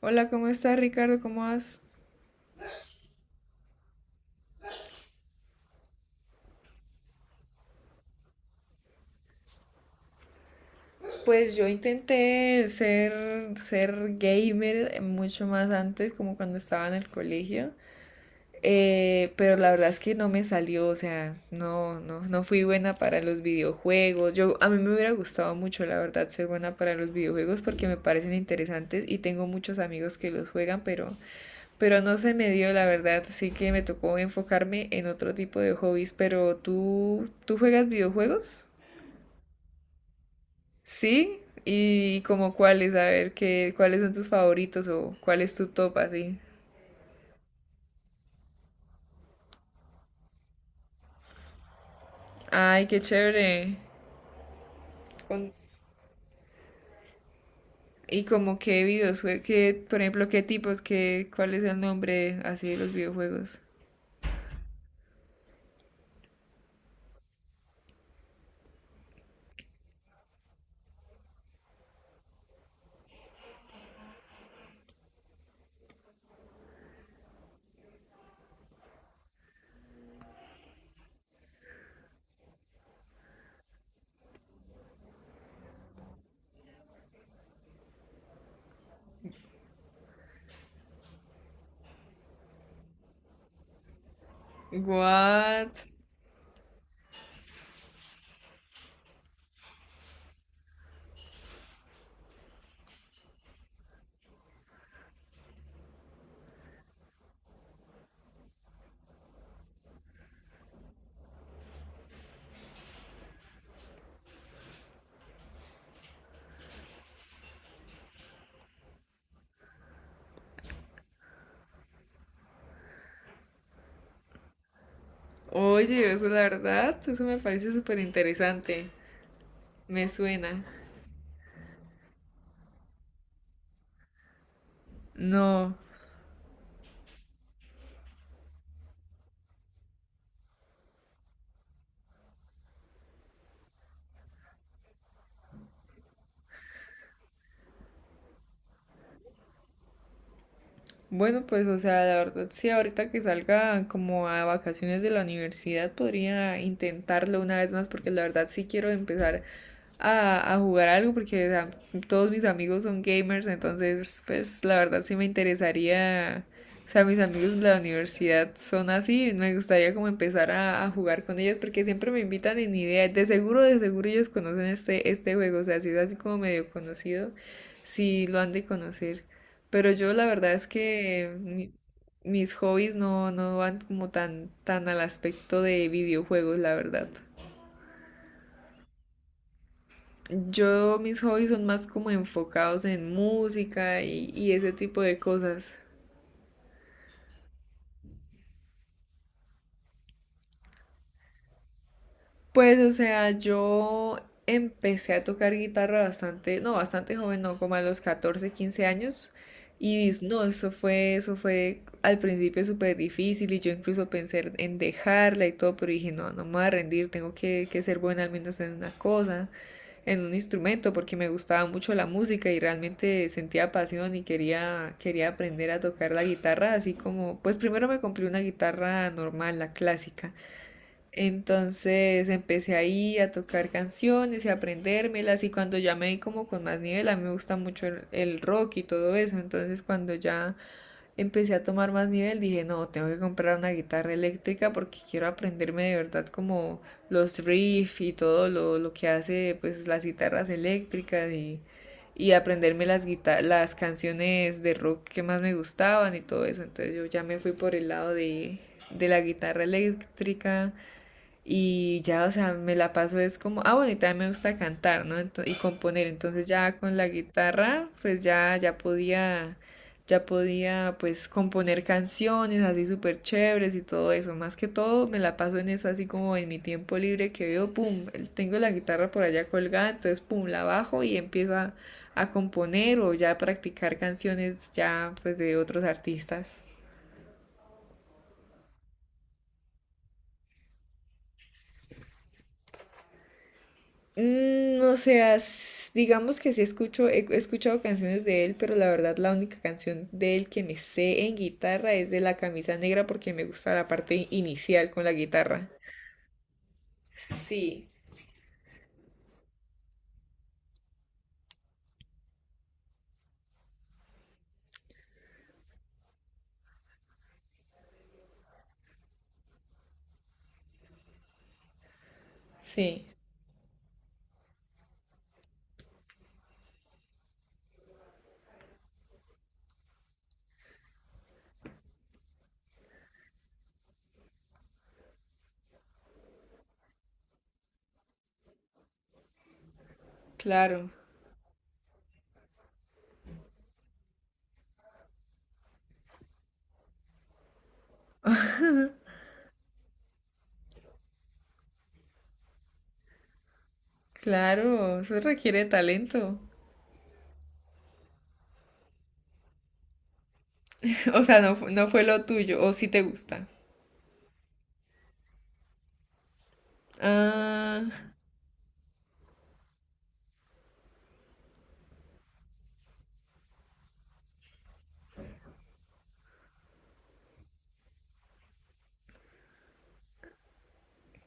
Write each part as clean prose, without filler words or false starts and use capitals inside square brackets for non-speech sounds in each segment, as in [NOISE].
Hola, ¿cómo estás, Ricardo? ¿Cómo vas? Pues yo intenté ser gamer mucho más antes, como cuando estaba en el colegio, pero la verdad es que no me salió, o sea, no fui buena para los videojuegos. Yo, a mí me hubiera gustado mucho, la verdad, ser buena para los videojuegos porque me parecen interesantes y tengo muchos amigos que los juegan, pero no se me dio, la verdad, así que me tocó enfocarme en otro tipo de hobbies. Pero tú, ¿tú juegas videojuegos? ¿Sí? Y como cuáles, a ver, qué, cuáles son tus favoritos o cuál es tu top así. Ay, qué chévere. Con- y como qué videojuegos, qué, por ejemplo, qué tipos, qué, cuál es el nombre así de los videojuegos. What? Oye, eso la verdad, eso me parece súper interesante. Me suena. No. Bueno, pues, o sea, la verdad, sí, ahorita que salga como a vacaciones de la universidad, podría intentarlo una vez más, porque la verdad sí quiero empezar a jugar algo, porque o sea, todos mis amigos son gamers, entonces, pues, la verdad sí me interesaría, o sea, mis amigos de la universidad son así, me gustaría como empezar a jugar con ellos, porque siempre me invitan en idea, de seguro ellos conocen este juego, o sea, si es así como medio conocido, sí lo han de conocer. Pero yo la verdad es que mis hobbies no, no van como tan al aspecto de videojuegos, la verdad. Yo mis hobbies son más como enfocados en música y ese tipo de cosas. Pues, o sea, yo empecé a tocar guitarra bastante joven, no, como a los 14, 15 años. Y no, eso fue al principio súper difícil y yo incluso pensé en dejarla y todo, pero dije, no, no me voy a rendir, tengo que ser buena al menos en una cosa, en un instrumento, porque me gustaba mucho la música y realmente sentía pasión y quería aprender a tocar la guitarra, así como, pues primero me compré una guitarra normal, la clásica. Entonces empecé ahí a tocar canciones y a aprendérmelas y cuando ya me di como con más nivel, a mí me gusta mucho el rock y todo eso, entonces cuando ya empecé a tomar más nivel dije, no, tengo que comprar una guitarra eléctrica porque quiero aprenderme de verdad como los riffs y todo lo que hace pues las guitarras eléctricas y aprenderme las las canciones de rock que más me gustaban y todo eso, entonces yo ya me fui por el lado de la guitarra eléctrica. Y ya, o sea, me la paso es como, ah, bueno, y también me gusta cantar, ¿no? Y componer. Entonces ya con la guitarra, pues ya, ya podía, pues, componer canciones así súper chéveres y todo eso. Más que todo, me la paso en eso así como en mi tiempo libre que veo, pum, tengo la guitarra por allá colgada, entonces, pum, la bajo y empiezo a componer o ya a practicar canciones ya, pues, de otros artistas. Mm, o sea, digamos que sí escucho, he escuchado canciones de él, pero la verdad la única canción de él que me sé en guitarra es de La Camisa Negra porque me gusta la parte inicial con la guitarra. Sí, sí, claro, claro, eso requiere talento. [LAUGHS] O sea, no, no fue lo tuyo, o si te gusta. Ah,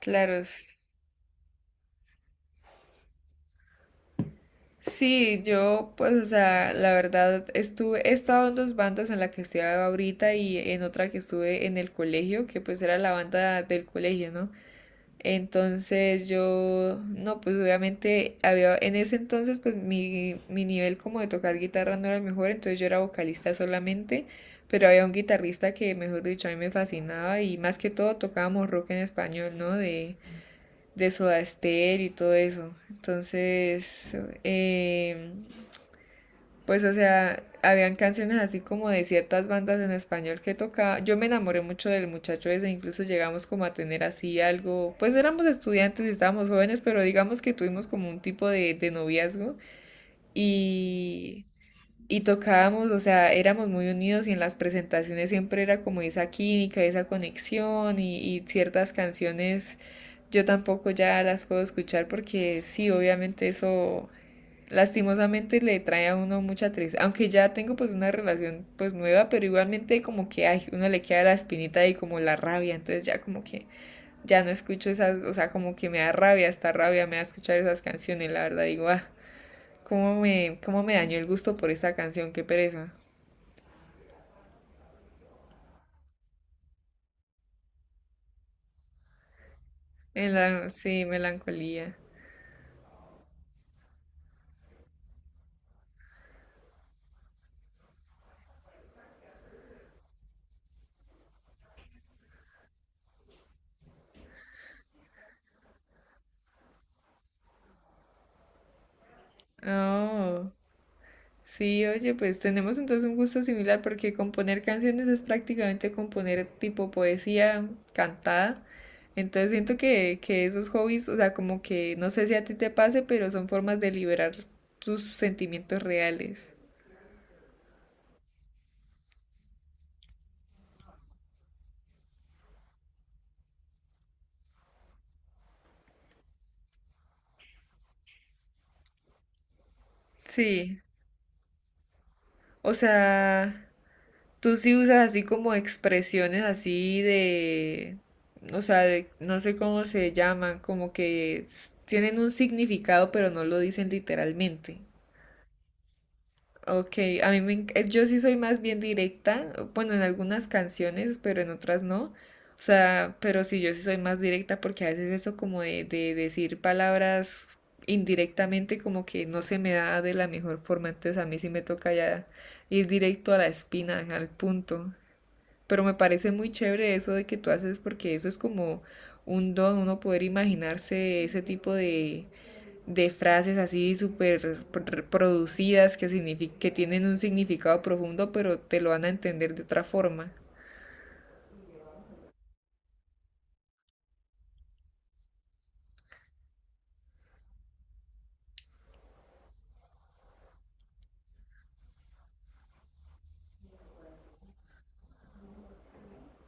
claro, sí, yo pues, o sea, la verdad estuve, he estado en dos bandas en la que estoy ahorita y en otra que estuve en el colegio, que pues era la banda del colegio, ¿no? Entonces yo, no, pues obviamente había, en ese entonces pues mi nivel como de tocar guitarra no era el mejor, entonces yo era vocalista solamente, pero había un guitarrista que, mejor dicho, a mí me fascinaba y más que todo tocábamos rock en español, ¿no? De Soda Stereo y todo eso. Entonces, em, pues, o sea, habían canciones así como de ciertas bandas en español que tocaba. Yo me enamoré mucho del muchacho ese, incluso llegamos como a tener así algo. Pues éramos estudiantes y estábamos jóvenes, pero digamos que tuvimos como un tipo de noviazgo y, y tocábamos, o sea, éramos muy unidos y en las presentaciones siempre era como esa química, esa conexión y ciertas canciones yo tampoco ya las puedo escuchar porque sí, obviamente eso lastimosamente le trae a uno mucha tristeza, aunque ya tengo pues una relación pues nueva, pero igualmente como que ay, uno le queda la espinita y como la rabia, entonces ya como que ya no escucho esas, o sea, como que me da rabia, esta rabia me da escuchar esas canciones, la verdad digo, ah, cómo me dañó el gusto por esta canción, qué pereza. Sí, melancolía. Oh. Sí, oye, pues tenemos entonces un gusto similar porque componer canciones es prácticamente componer tipo poesía cantada. Entonces siento que esos hobbies, o sea, como que no sé si a ti te pase, pero son formas de liberar tus sentimientos reales. Sí, o sea, tú sí usas así como expresiones así de, o sea, no sé cómo se llaman, como que tienen un significado pero no lo dicen literalmente. Ok, a mí me, enc- yo sí soy más bien directa, bueno, en algunas canciones, pero en otras no. O sea, pero sí, yo sí soy más directa porque a veces eso como de decir palabras indirectamente como que no se me da de la mejor forma, entonces a mí sí me toca ya ir directo a la espina, al punto. Pero me parece muy chévere eso de que tú haces porque eso es como un don, uno poder imaginarse ese tipo de frases así súper producidas que, signific que tienen un significado profundo, pero te lo van a entender de otra forma.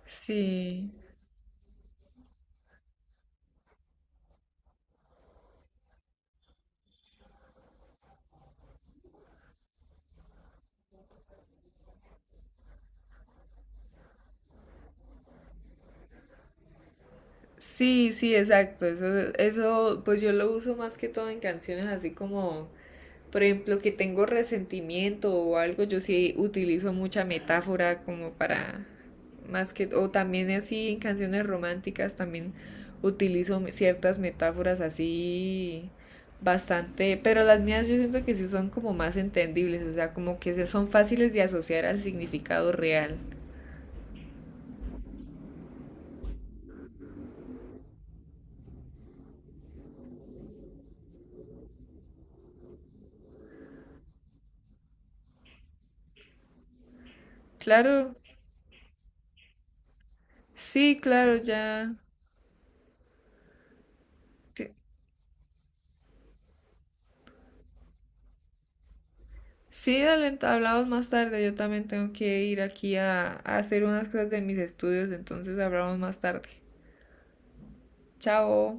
Sí, sí, exacto. Eso, pues yo lo uso más que todo en canciones así como por ejemplo, que tengo resentimiento o algo, yo sí utilizo mucha metáfora como para más que o también así en canciones románticas también utilizo ciertas metáforas así bastante, pero las mías yo siento que sí son como más entendibles, o sea, como que son fáciles de asociar al significado real. Claro, sí, claro, ya. Sí, dale, hablamos más tarde. Yo también tengo que ir aquí a hacer unas cosas de mis estudios, entonces hablamos más tarde. Chao.